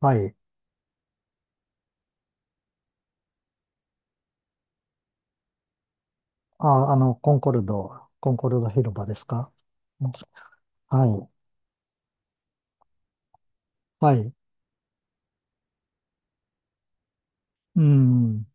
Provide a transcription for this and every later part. はい。あ、コンコルド広場ですか。はい。はい。うん。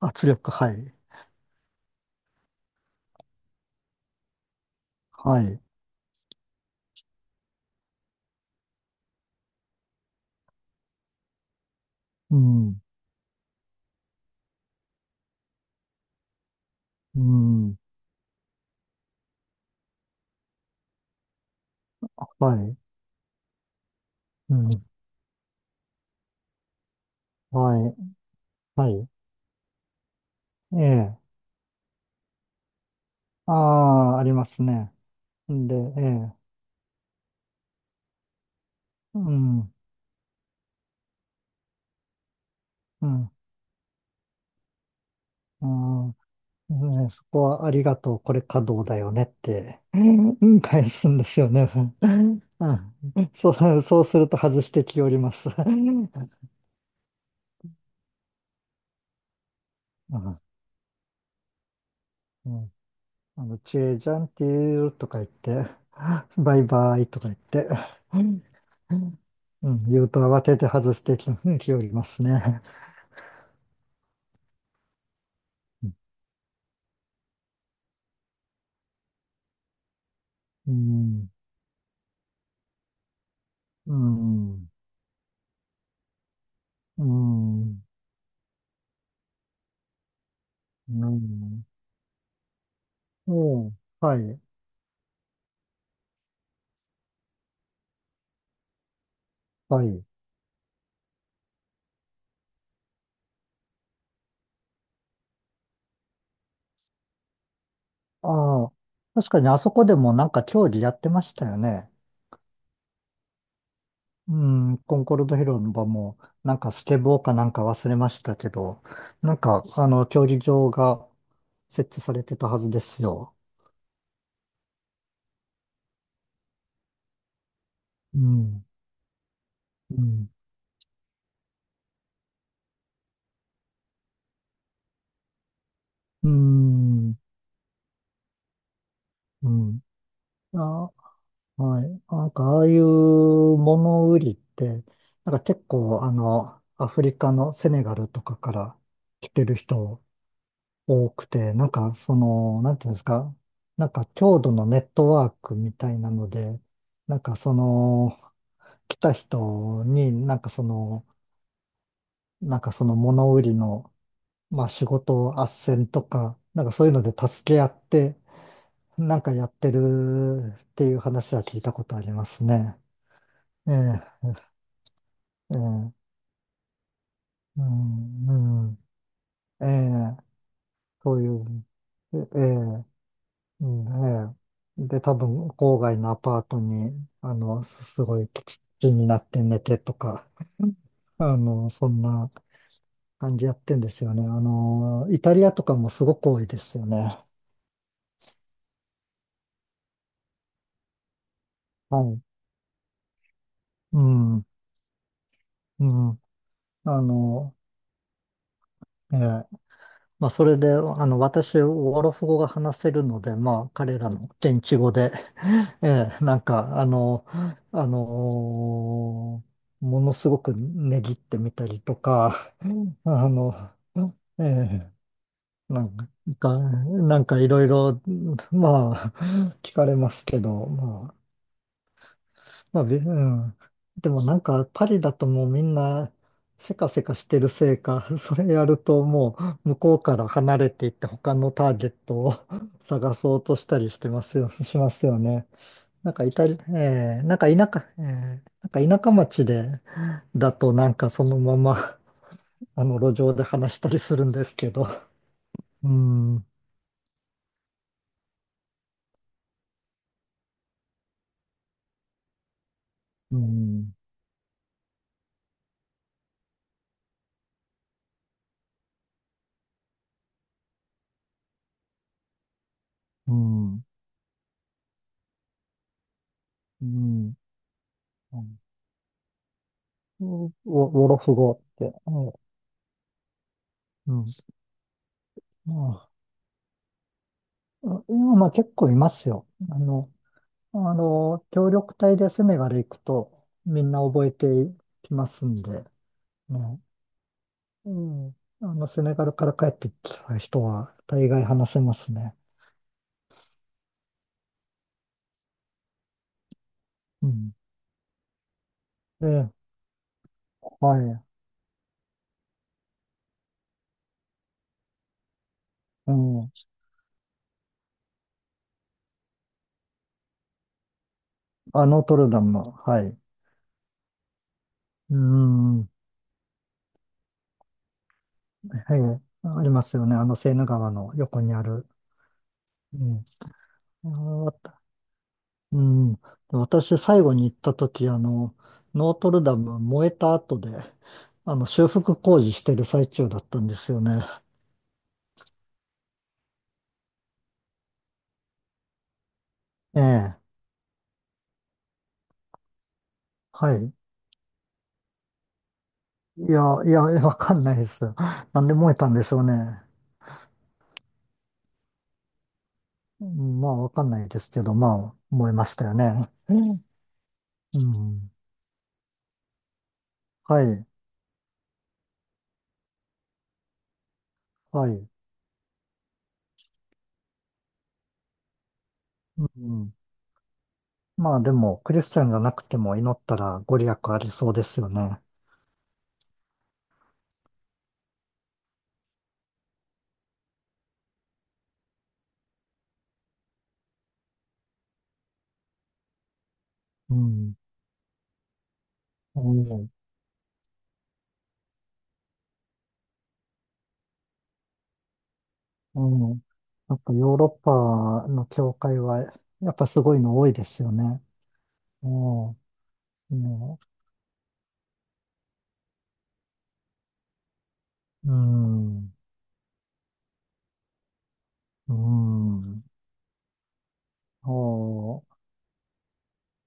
圧力、はい。はい。うん。うん。はい。うん。はい。はい。ええ。ああ、ありますね。で、ええ。うん。うん。うんね、そこはありがとう、これ稼働だよねって、うん、返すんですよね。うん、そうすると外してきおります。うん。うん。あの、チェージャンティーとか言って、バイバイとか言って、うん、言うと慌てて外してき、きおりますね。うん、うん、うん、うん、おう、はい、はい。ああ、確かにあそこでもなんか競技やってましたよね。うん、コンコルド広場も、なんかスケボーかなんか忘れましたけど、なんか、あの、競技場が設置されてたはずですよ。うん。うん。うん。うん。あ、はい。なんか、ああいう物売りって、なんか結構、あの、アフリカのセネガルとかから来てる人多くて、なんか、その、なんていうんですか、なんか、郷土のネットワークみたいなので、なんか、その、来た人に、なんかその物売りの、まあ、仕事斡旋とか、なんかそういうので助け合って、なんかやってるっていう話は聞いたことありますね。ええ、ええ、うん、うん、ええ、そういう、ええ、うん、ええ。で、多分、郊外のアパートに、あの、すごい土になって寝てとか、あの、そんな感じやってんですよね。あの、イタリアとかもすごく多いですよね。はい。うん、うん、あの、ええ。まあ、それで、あの、私、オアロフ語が話せるので、まあ、彼らの現地語で、ええ、なんか、あの、あのーものすごくねぎってみたりとか、あの、ええ、なんか、なんかいろいろ、まあ、聞かれますけど、まあ、まあ、び うん。でもなんかパリだともうみんなせかせかしてるせいか、それやると向こうから離れていって他のターゲットを 探そうとしたりしてますよ、しますよね。なんかイタリ、えー、舎、えー、なんか田舎町でだとなんかそのまま あの路上で話したりするんですけど。うん、うん、うん、うん。うん、ウォロフ語って。うん。うん、あ、いや、まあ結構いますよ。あの、協力隊でセネガル行くとみんな覚えてきますんで、ね。うん。あの、セネガルから帰ってきた人は大概話せますね。うん。で、はい。うん。あ、ノートルダム、はい。うん。はい。ありますよね。あの、セーヌ川の横にある。うん。あ、うん。で、私、最後に行った時、あの、ノートルダム燃えた後で、あの、修復工事してる最中だったんですよね。ええ。はい。いや、わかんないです。なんで燃えたんでしょうね。うん、まあ、わかんないですけど、まあ、燃えましたよね。うん。はい。はい。うん。まあ、でも、クリスチャンじゃなくても祈ったらご利益ありそうですよね。うん。うん。うん。やっぱヨーロッパの教会は、やっぱすごいの多いですよね。もう、もうん、うん、お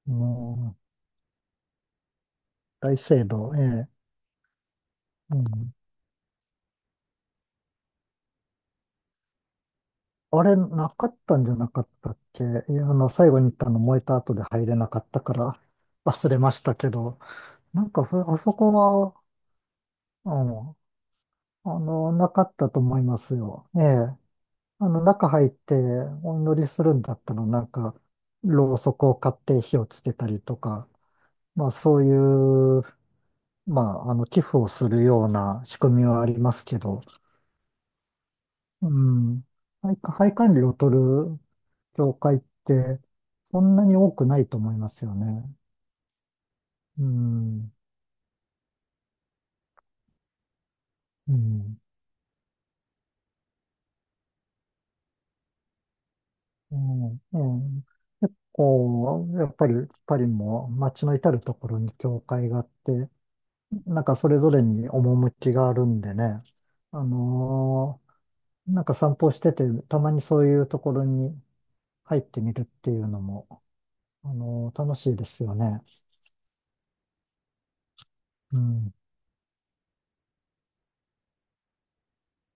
う、もう、大聖堂、ええ、うん。あれ、なかったんじゃなかったっけ。いや、あの、最後に行ったの燃えた後で入れなかったから 忘れましたけど、なんかふ、あそこは、うん、あの、なかったと思いますよ。ええ。あの、中入ってお祈りするんだったら、なんか、ろうそくを買って火をつけたりとか、まあそういう、まあ、あの、寄付をするような仕組みはありますけど、うん。配管理を取る教会って、そんなに多くないと思いますよね。うん。うん。うん。うん、結構、やっぱり、パリも街の至るところに教会があって、なんかそれぞれに趣があるんでね、あのー、なんか散歩してて、たまにそういうところに入ってみるっていうのも、あのー楽しいですよね。うん。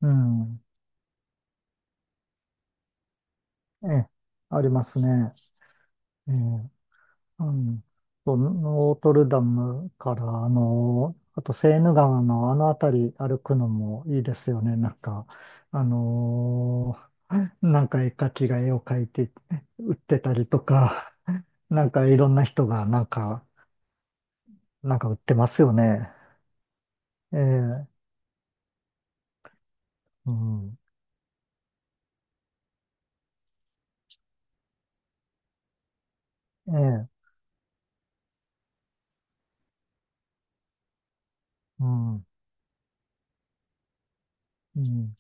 うん。ええ、ありますね。ええ、うん。そう、ノートルダムから、あのーあとセーヌ川のあの辺り歩くのもいいですよね。なんか、あのーなんか絵描きが絵を描いて売ってたりとか、なんかいろんな人がなんか、なんか売ってますよね。ええ、うん、ええ、うん、うん、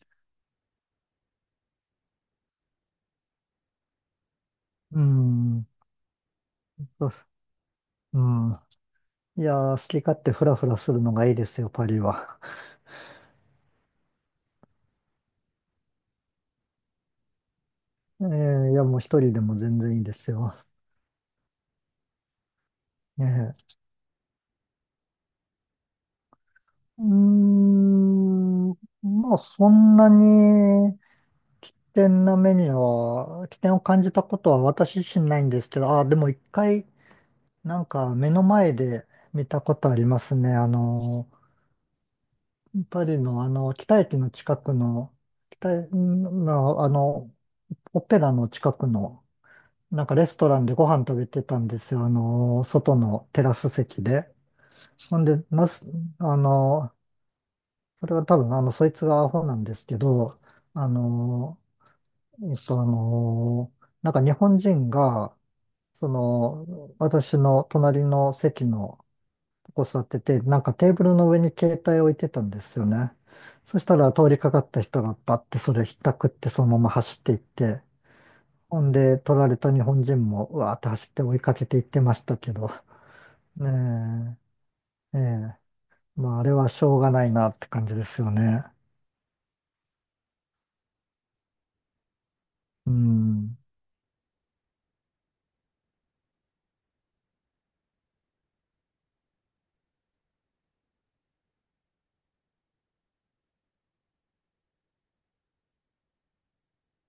うん、そう、うん。いやー、好き勝手フラフラするのがいいですよ、パリは。ええ、いや、もう一人でも全然いいですよ。ええ、うーん、まあ、そんなに危険な目には、危険を感じたことは私自身ないんですけど、ああでも一回、なんか目の前で見たことありますね。あの、パリのあの、北駅の近くの、北駅のあの、オペラの近くの、なんかレストランでご飯食べてたんですよ。あの、外のテラス席で。ほんで、なす、あの、それは多分、あの、そいつがアホなんですけど、あの、えっと、あの、なんか日本人が、私の隣の席の、こう座ってて、なんかテーブルの上に携帯置いてたんですよね。そしたら通りかかった人がバッてそれひったくってそのまま走っていって、ほんで取られた日本人もうわーって走って追いかけていってましたけど、ねえ、ええ、まああれはしょうがないなって感じですよね。うん。